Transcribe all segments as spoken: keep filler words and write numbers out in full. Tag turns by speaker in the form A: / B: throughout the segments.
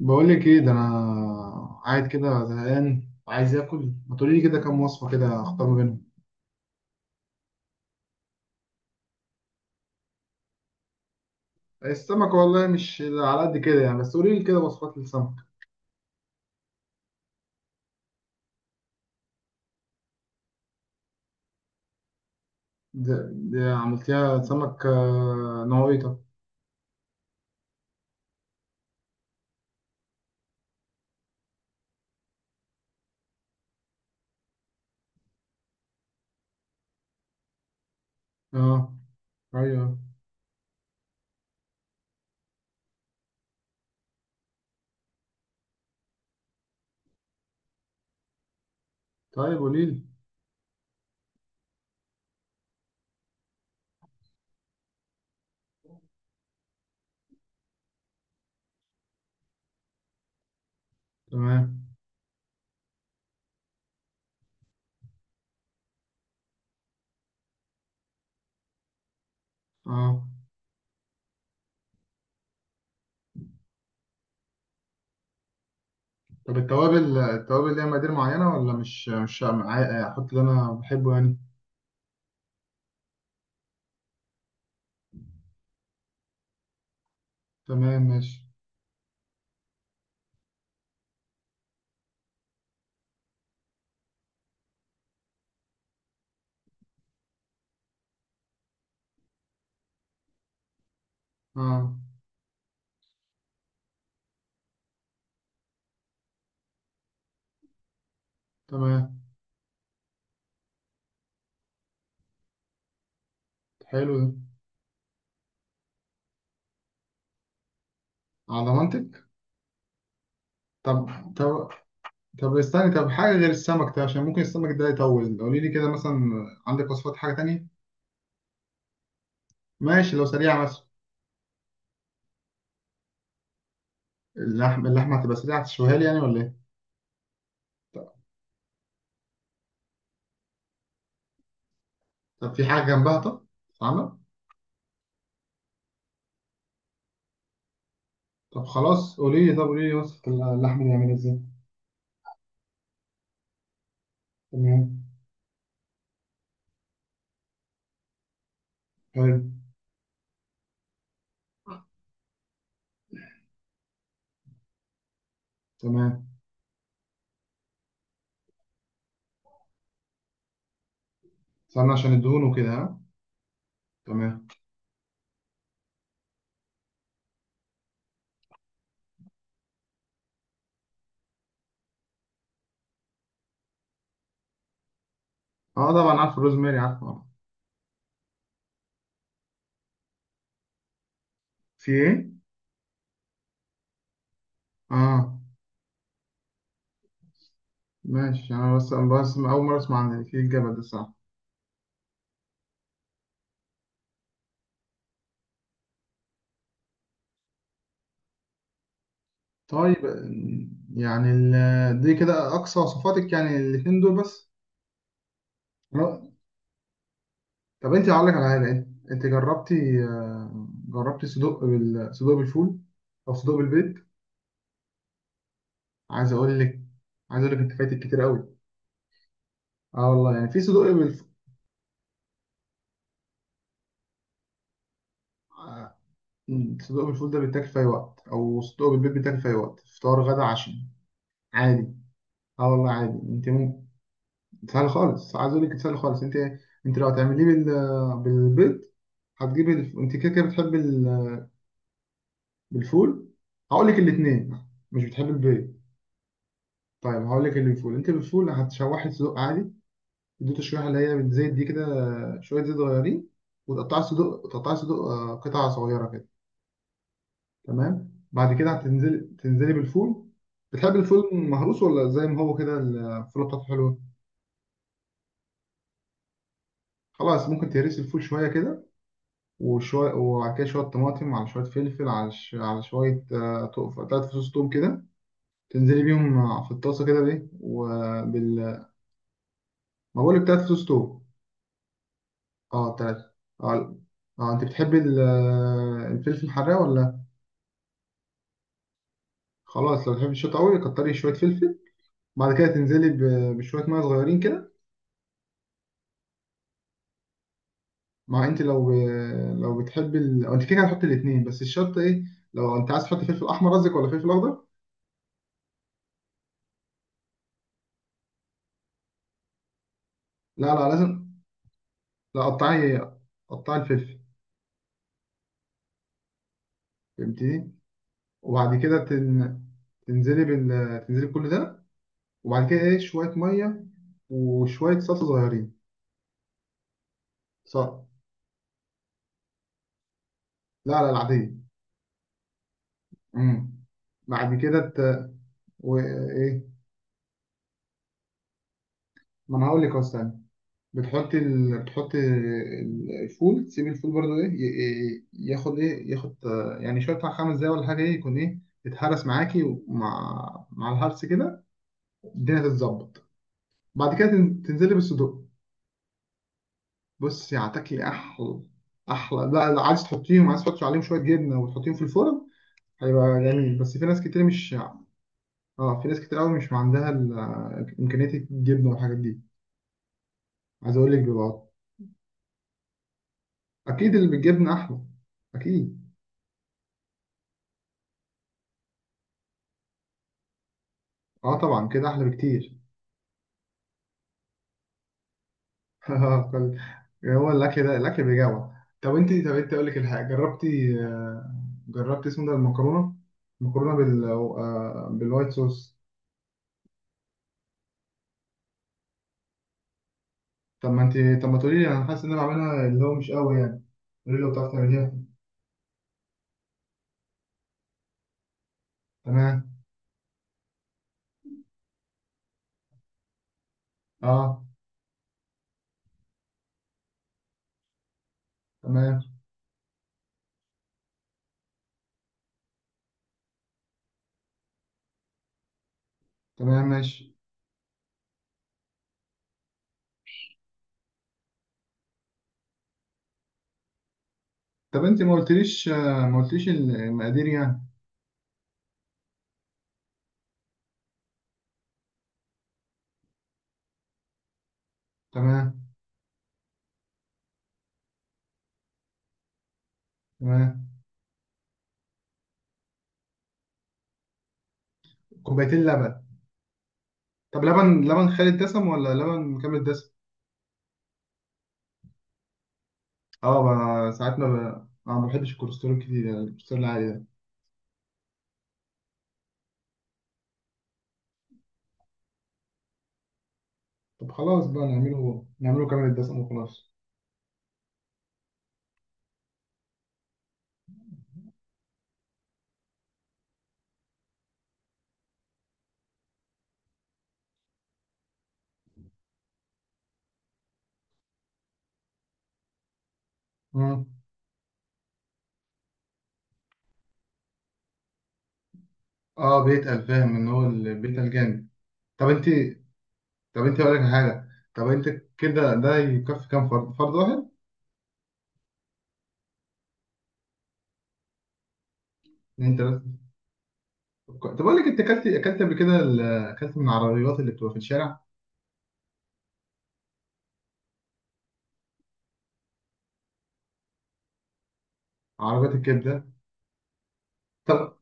A: بقول لك ايه ده. انا قاعد كده زهقان وعايز اكل، ما تقولي لي كده كام وصفه كده اختار ما بينهم. السمك والله مش على قد كده يعني، بس قولي لي كده وصفات للسمك. ده, ده عملتيها سمك آه، نوعيته. اه. ايوه. طيب قولي لي. تمام. اه. طب التوابل، التوابل ليها مقادير معينه ولا مش مش عا- احط اللي انا بحبه يعني؟ تمام ماشي. اه. تمام. حلو ده. على ضمانتك؟ طب طب طب استني طب حاجة غير السمك ده، عشان ممكن السمك ده يطول، قولي لي كده مثلا عندك وصفات حاجة تانية. ماشي لو سريعة مثلا. اللحم، اللحمة هتبقى سريعة تشويها لي يعني ولا ايه؟ طب, طب في حاجة جنبها طب تتعمل؟ طب خلاص قولي لي، طب قولي لي وصفة اللحمة دي عاملة ازاي. تمام. حلو. تمام. استنى عشان الدهون وكده، ها. تمام. اه طبعا عارف الروزماري، عارفه آه. في ايه؟ اه. ماشي، انا بس بس اول مرة اسمع عن في الجبل ده، صح. طيب، يعني ال- دي كده اقصى وصفاتك يعني الاتنين دول بس؟ لا. طب انت هقول لك على حاجه، انت انت جربتي آه، جربتي صدوق بال... صدوق بالفول او صدوق بالبيض؟ عايز اقول لك عايز اقول لك انت فايتك كتير قوي. اه والله يعني في صدوق بالف... آه، صدوق بالفول ده بيتاكل في اي وقت، او صدوق بالبيض بيتاكل في اي وقت، فطار غدا عشاء عادي. اه والله عادي انت ممكن. سهل خالص، عايز اقول لك سهل خالص. انت انت لو هتعمليه بال... بالبيض، هتجيبي الف... انت كده كده بتحبي بالفول. هقول لك الاثنين. مش بتحب البيض. طيب هقول لك اللي بالفول. انت بالفول هتشوحي الصدوق عادي، تدوه تشويحه اللي هي بالزيت دي كده، شويه زيت صغيرين. وتقطعي الصدوق، تقطعي الصدوق آه، قطع صغيره كده. تمام. بعد كده هتنزلي تنزلي بالفول. بتحب الفول مهروس ولا زي ما هو كده؟ الفول بتاعته حلوه. خلاص، ممكن تهرسي الفول شويه كده. وشويه، وبعد كده شويه طماطم على شويه فلفل على ش... على شويه آه، تو- ثلاث فصوص توم كده. تنزلي بيهم آه، في الطاسه كده بايه وبال. ما بقولك تلات فصوص توم. اه تلاتة. اه. اه انت بتحبي ال- الفلفل الحراق ولا؟ خلاص لو بتحبي الشطة قوي كتري شوية فلفل. بعد كده تنزلي ب- بشوية مية صغيرين كده. مع انت لو، لو بتحبي ال... أو انت كده كده هتحطي الاتنين، بس الشطة ايه؟ لو انت عايز تحطي فلفل احمر قصدك ولا فلفل اخضر؟ لا لا لازم. لا، قطعي. قطعي الفلفل. فهمتني؟ وبعد كده تن... تنزلي بال... تنزلي بكل ده. وبعد كده ايه، شوية مية وشوية صلصة صغيرين. صح. لا لا، العادية. امم. بعد كده ت... وايه. ما انا هقول لك اصلا. بتحطي ال... بتحطي ال- الفول، تسيبي الفول برضو ايه، ي- ي- ياخد ايه، ياخد آه، يعني شويه بتاع خمس دقايق ولا حاجه، ايه يكون ايه، يتهرس معاكي ومع مع الهرس كده الدنيا تتظبط. بعد كده تن- تنزلي بالصدوق. بصي هتاكلي احلى احلى لا لا، عايز تحطيهم، عايز تحطي عليهم شويه جبنه وتحطيهم في الفرن، هيبقى جميل. بس في ناس كتير مش، اه، في ناس كتير قوي مش عندها ال- امكانيه الجبنه والحاجات دي. عايز اقول لك بيبقى اكيد اللي بالجبنه احلى. اكيد. اه طبعا كده احلى بكتير. كل- يعني هو الاكل ده الاكل بيجوع. طب انت طب انت اقول لك الحاجه جربتي آه، جربتي اسمه ده، المكرونه، المكرونه بال آه، بالوايت صوص. طب ما انت، طب ما تقولي لي، انا حاسس ان انا بعملها اللي هو مش قوي يعني، قولي لي لو بتعرف تعمليها. تمام. اه. تمام. تمام ماشي. طب انت ما قلتليش آه، ما قلتليش المقادير يعني. تمام. تمام. كوبايتين لبن. طب لبن، لبن خالي الدسم ولا لبن مكمل الدسم؟ اه بقى ساعات ما ب... أنا ما بحبش الكوليسترول كتير، يعني الكوليسترول العالي ده. طب خلاص بقى، نعمله نعمله كامل الدسم وخلاص. مم. اه بيتقل، فاهم، ان هو اللي بيتقل جامد. طب انت طب انت اقول لك حاجه. طب انت كده ده يكفي كام فرد، فرد واحد؟ اتنين تلاته. طب اقول لك انت اكلت، اكلت قبل كده ال- اكلت من العربيات اللي بتبقى في الشارع، عربيات الكبده؟ طب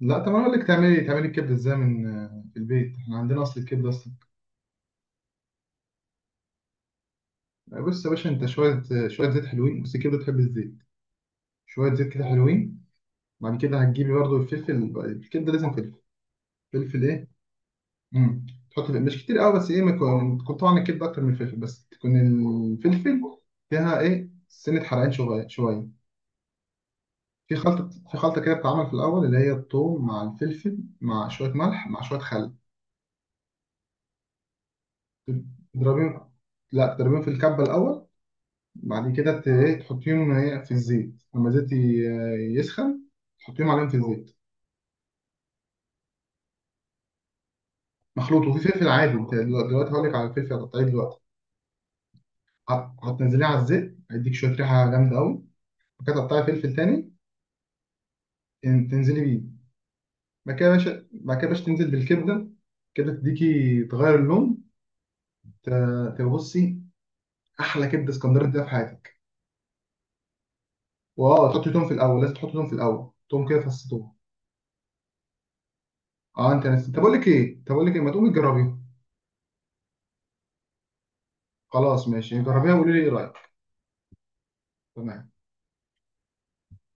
A: لا، طب انا اقول لك تعملي، تعملي الكبده ازاي من آه، في البيت، احنا عندنا اصل الكبده اصلا. بص يا باشا، انت شويه شويه زيت حلوين، بس الكبده بتحب الزيت. شويه زيت كده حلوين. بعد كده هتجيبي برضو الفلفل، الكبده لازم فلفل. فلفل ايه؟ امم. تحط فلفل. مش كتير قوي، بس ايه، ما يكون، تكون طعم الكبده اكتر من الفلفل، بس تكون الفلفل فيها ايه، سنه حرقان شويه شويه. في خلطه، في خلطه كده بتتعمل في الاول، اللي هي الثوم مع الفلفل مع شويه ملح مع شويه خل. تضربيهم. لا، تضربيهم في الكبه الاول. بعد كده ت- ايه، تحطيهم ايه في الزيت لما الزيت ي- يسخن، تحطيهم عليهم في الزيت. مخلوط، وفي فلفل عادي، انت دلو- دلوقتي هقول لك على الفلفل هتقطعيه دلوقتي. هت- هتنزليه على الزيت، هيديك شويه ريحه جامده قوي. بعد كده هتقطعي فلفل تاني. ان- تنزلي بيه. بعد كده يا باشا، بعد كده يا باشا تنزل بالكبده، كده تديكي تغير اللون. ت- تبصي. احلى كبده اسكندراني تديها في حياتك. واه، تحطي توم في الاول، لازم تحطي توم في الاول، توم كده فص توم. اه انت نسيت؟ طب اقول لك ايه، طب اقول لك ايه، ما تقومي تجربيها. خلاص ماشي، جربيها وقولي لي ايه رايك. تمام.